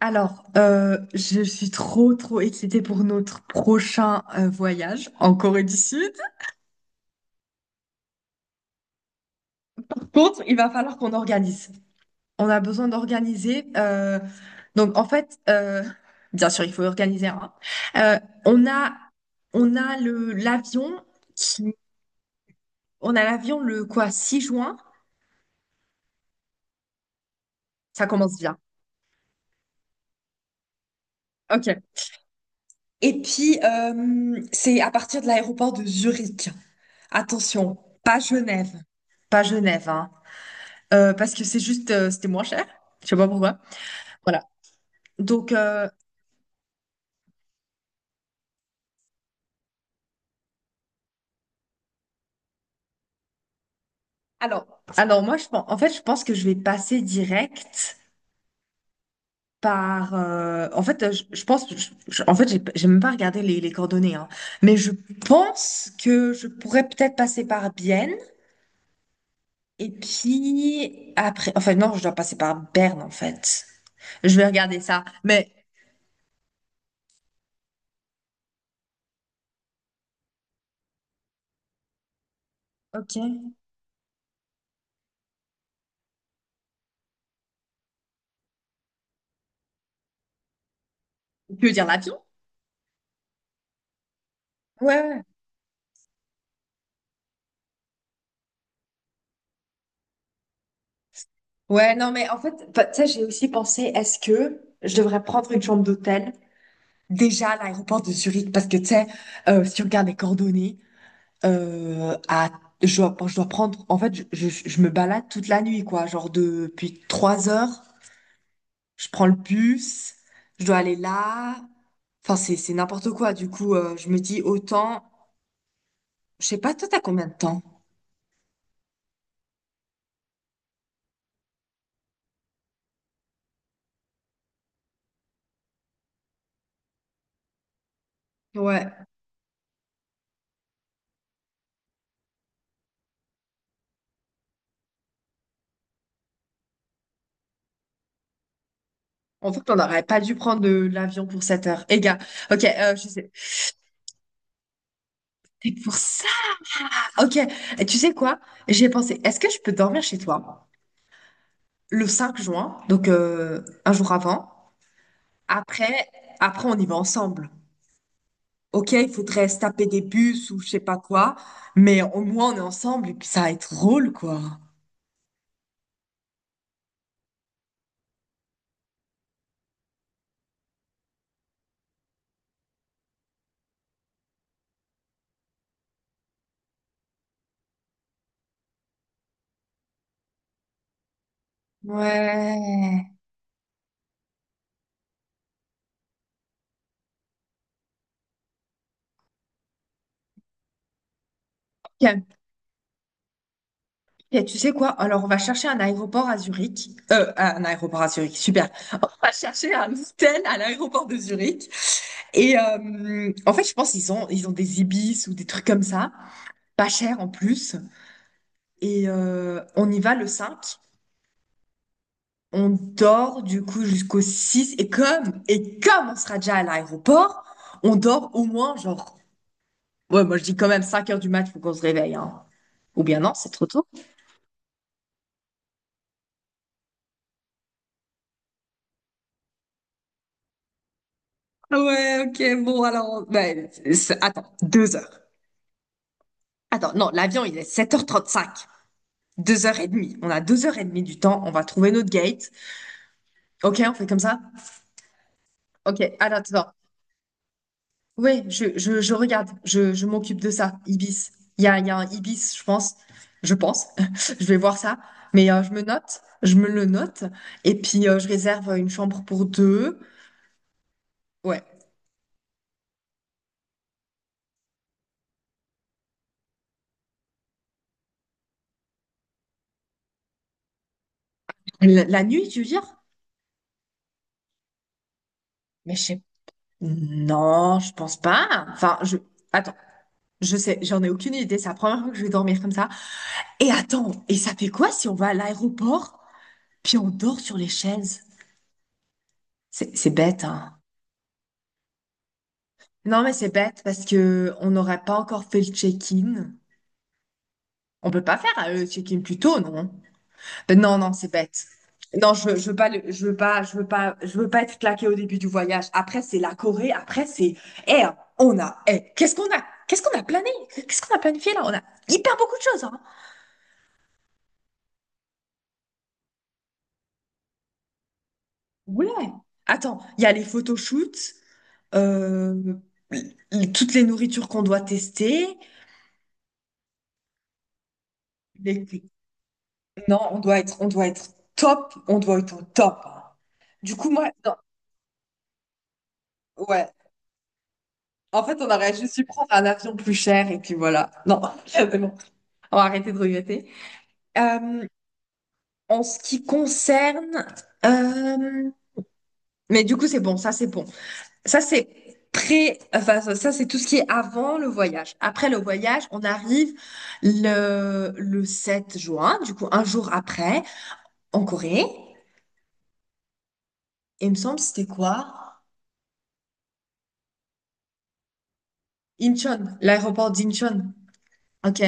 Alors, je suis trop, trop excitée pour notre prochain voyage en Corée du Sud. Contre, il va falloir qu'on organise. On a besoin d'organiser. Donc, en fait, bien sûr, il faut organiser un. Euh, on a, on a le l'avion qui, on a l'avion le quoi, six juin. Ça commence bien. Ok. Et puis, c'est à partir de l'aéroport de Zurich. Attention, pas Genève. Pas Genève, hein. Parce que c'est juste, c'était moins cher. Je sais pas pourquoi. Voilà. Donc, alors moi, je pense, en fait, je pense que je vais passer direct par. En fait, je pense, en fait, j'ai même pas regardé les coordonnées, hein. Mais je pense que je pourrais peut-être passer par Bienne et puis après. Enfin, non, je dois passer par Berne, en fait. Je vais regarder ça. Mais ok. Tu veux dire l'avion? Ouais, ouais, ouais, non, mais en fait, bah, tu sais, j'ai aussi pensé, est-ce que je devrais prendre une chambre d'hôtel? Déjà, à l'aéroport de Zurich, parce que tu sais, si on regarde les coordonnées, euh, à, je dois prendre, en fait, je me balade toute la nuit, quoi. Genre, depuis 3 heures, je prends le bus, je dois aller là. Enfin, c'est n'importe quoi. Du coup, je me dis autant, je sais pas, toi, t'as combien de temps? Ouais. En fait, on n'aurait pas dû prendre de l'avion pour 7 heures. Eh gars, ok, je sais. C'est pour ça. Ok. Et tu sais quoi? J'ai pensé, est-ce que je peux dormir chez toi? Le 5 juin, donc un jour avant. Après, après, on y va ensemble. Ok, il faudrait se taper des bus ou je sais pas quoi, mais au moins on est ensemble et puis ça va être drôle, quoi. Ouais. Tiens, tiens, tu sais quoi? Alors, on va chercher un aéroport à Zurich. Un aéroport à Zurich, super. On va chercher un hôtel à l'aéroport de Zurich. Et en fait, je pense qu'ils ont des ibis ou des trucs comme ça, pas cher en plus. Et on y va le 5. On dort du coup jusqu'au 6 et comme on sera déjà à l'aéroport, on dort au moins genre ouais, moi je dis quand même 5 heures du mat, faut qu'on se réveille hein. Ou bien non, c'est trop tôt. Ah ouais, ok, bon, alors, ben, attends, 2 heures. Attends, non, l'avion il est 7h35. 2h30. On a 2h30 du temps, on va trouver notre gate. Ok, on fait comme ça? Ok, attends, attends. Oui, je regarde, je m'occupe de ça, Ibis. Il y a un Ibis, je pense. Je pense. Je vais voir ça. Mais je me le note. Et puis, je réserve une chambre pour deux. Ouais. La nuit, tu veux dire? Mais je sais. Non, je pense pas. Enfin, je. Attends, je sais, j'en ai aucune idée. C'est la première fois que je vais dormir comme ça. Et attends, et ça fait quoi si on va à l'aéroport, puis on dort sur les chaises? C'est bête, hein. Non, mais c'est bête parce que on n'aurait pas encore fait le check-in. On peut pas faire le check-in plus tôt, non? Ben non, non, c'est bête. Non, je veux pas être claqué au début du voyage. Après, c'est la Corée. Après, c'est, eh, on a, eh, qu'est-ce qu'on a planifié là? On a hyper beaucoup de choses, hein. Ouais. Attends, il y a les photoshoots, euh, toutes les nourritures qu'on doit tester. les- Non, on doit être top, on doit être au top. Hein. Du coup, moi, non, ouais. En fait, on aurait juste dû prendre un avion plus cher et puis voilà. Non, c'est bon. On va arrêter de regretter. Euh, En ce qui concerne, euh, mais du coup, c'est bon. Ça, c'est bon. Ça, c'est pré. Enfin, ça, c'est tout ce qui est avant le voyage. Après le voyage, on arrive le 7 juin. Du coup, un jour après, en Corée. Et il me semble, c'était quoi? Incheon, l'aéroport d'Incheon. Ok.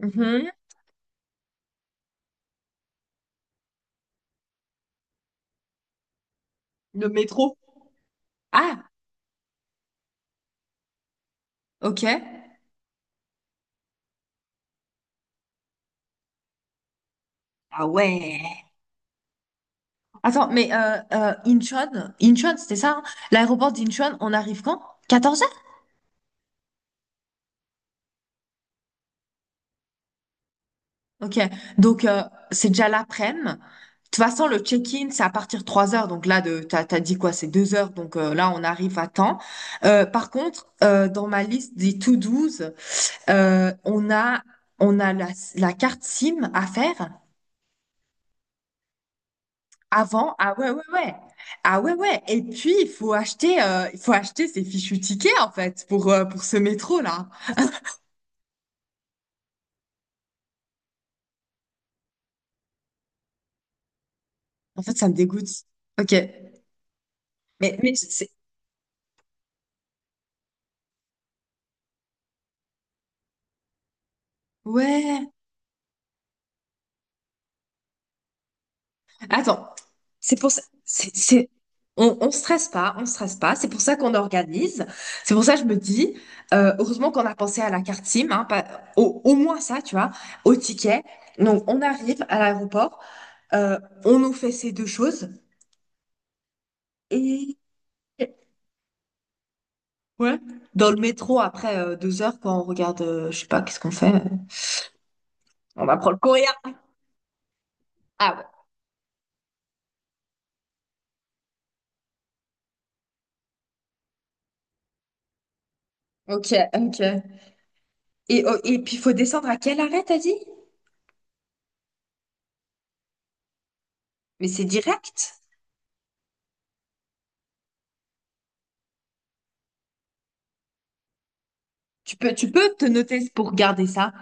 Mhm. Le métro. Ah, ok. Ah ouais. Attends, mais Incheon, Incheon, c'était ça, hein. L'aéroport d'Incheon, on arrive quand? 14 heures? Ok, donc c'est déjà l'après-midi. De toute façon, le check-in, c'est à partir de 3 heures. Donc là, t'as dit quoi? C'est 2 heures. Donc là, on arrive à temps. Par contre, dans ma liste des to douze, euh, on a, on a la carte SIM à faire avant. Ah ouais, ouais, ouais. Ah ouais, ouais. Et puis, il faut acheter ces fichus tickets, en fait, pour ce métro-là. En fait, ça me dégoûte. Ok. Mais Ouais. Attends. C'est, c'est... on stresse pas, on stresse pas. C'est pour ça qu'on organise. C'est pour ça que je me dis, heureusement qu'on a pensé à la carte SIM, hein, au moins ça, tu vois, au ticket. Donc, on arrive à l'aéroport, euh, on nous fait ces deux choses. Et ouais. Dans le métro, après 2 heures, quand on regarde, je sais pas, qu'est-ce qu'on fait? On va prendre le courrier. Ah ouais. Ok, ok. Et, oh, et puis, il faut descendre à quel arrêt, t'as dit? Mais c'est direct. Tu peux te noter pour garder ça.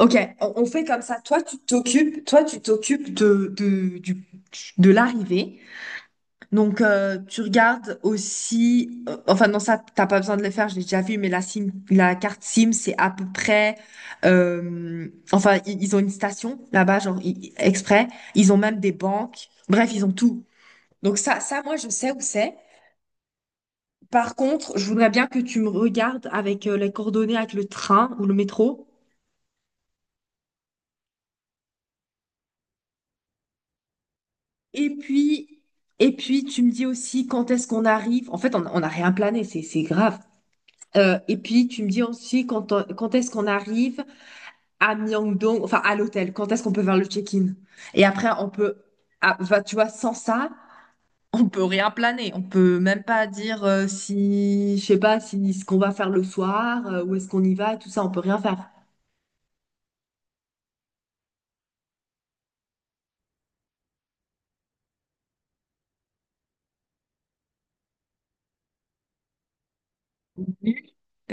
Ok, on fait comme ça. Toi, tu t'occupes de l'arrivée. Donc, tu regardes aussi. Enfin, non, ça, t'as pas besoin de le faire. Je l'ai déjà vu, mais la carte SIM, c'est à peu près. Enfin, ils ont une station là-bas, genre exprès. Ils ont même des banques. Bref, ils ont tout. Donc ça, moi, je sais où c'est. Par contre, je voudrais bien que tu me regardes avec les coordonnées avec le train ou le métro. Et puis, et puis, tu me dis aussi quand est-ce qu'on arrive. En fait, on n'a rien plané, c'est grave. Et puis tu me dis aussi quand, quand est-ce qu'on arrive à Myeongdong, enfin à l'hôtel. Quand est-ce qu'on peut faire le check-in. Et après, on peut, ah, enfin, tu vois, sans ça, on peut rien planer. On peut même pas dire si, je sais pas, si ce qu'on va faire le soir, où est-ce qu'on y va, et tout ça, on peut rien faire.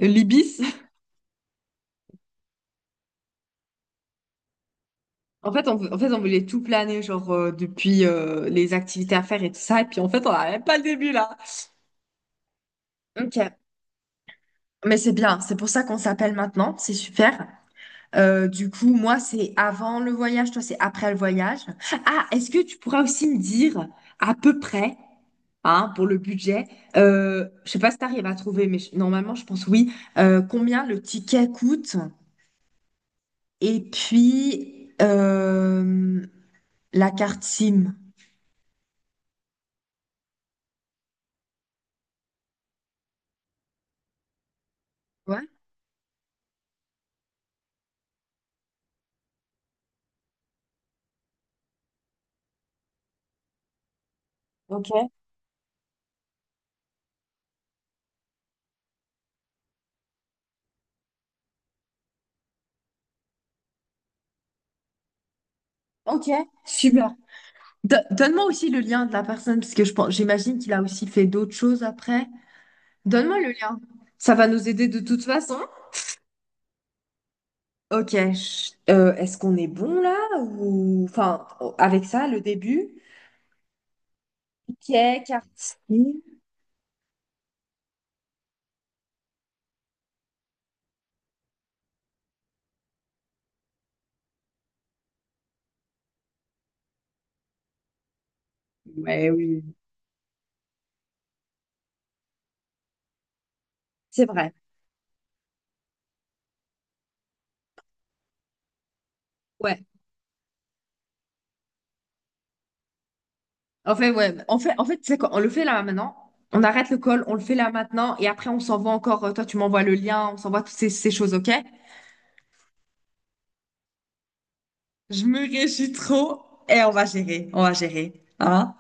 Libis. En fait, en fait, on voulait tout planer, genre, depuis les activités à faire et tout ça. Et puis, en fait, on n'a même pas le début, là. Ok, mais c'est bien. C'est pour ça qu'on s'appelle maintenant. C'est super. Du coup, moi, c'est avant le voyage. Toi, c'est après le voyage. Ah, est-ce que tu pourras aussi me dire à peu près, hein, pour le budget, je sais pas si t'arrives à trouver, mais normalement, je pense oui, combien le ticket coûte et puis la carte SIM. Ouais, ok. Ok, super. Donne-moi aussi le lien de la personne, parce que je pense, j'imagine qu'il a aussi fait d'autres choses après. Donne-moi le lien. Ça va nous aider de toute façon. Ok, est-ce qu'on est bon là ou enfin avec ça le début? Ok, Cartier. Ouais, oui, c'est vrai. Ouais. En fait, ouais. En fait, tu sais quoi, on le fait là maintenant. On arrête le call, on le fait là maintenant, et après on s'envoie encore. Toi, tu m'envoies le lien, on s'envoie toutes ces choses, ok? Je me réjouis trop et on va gérer, on va gérer. Hein.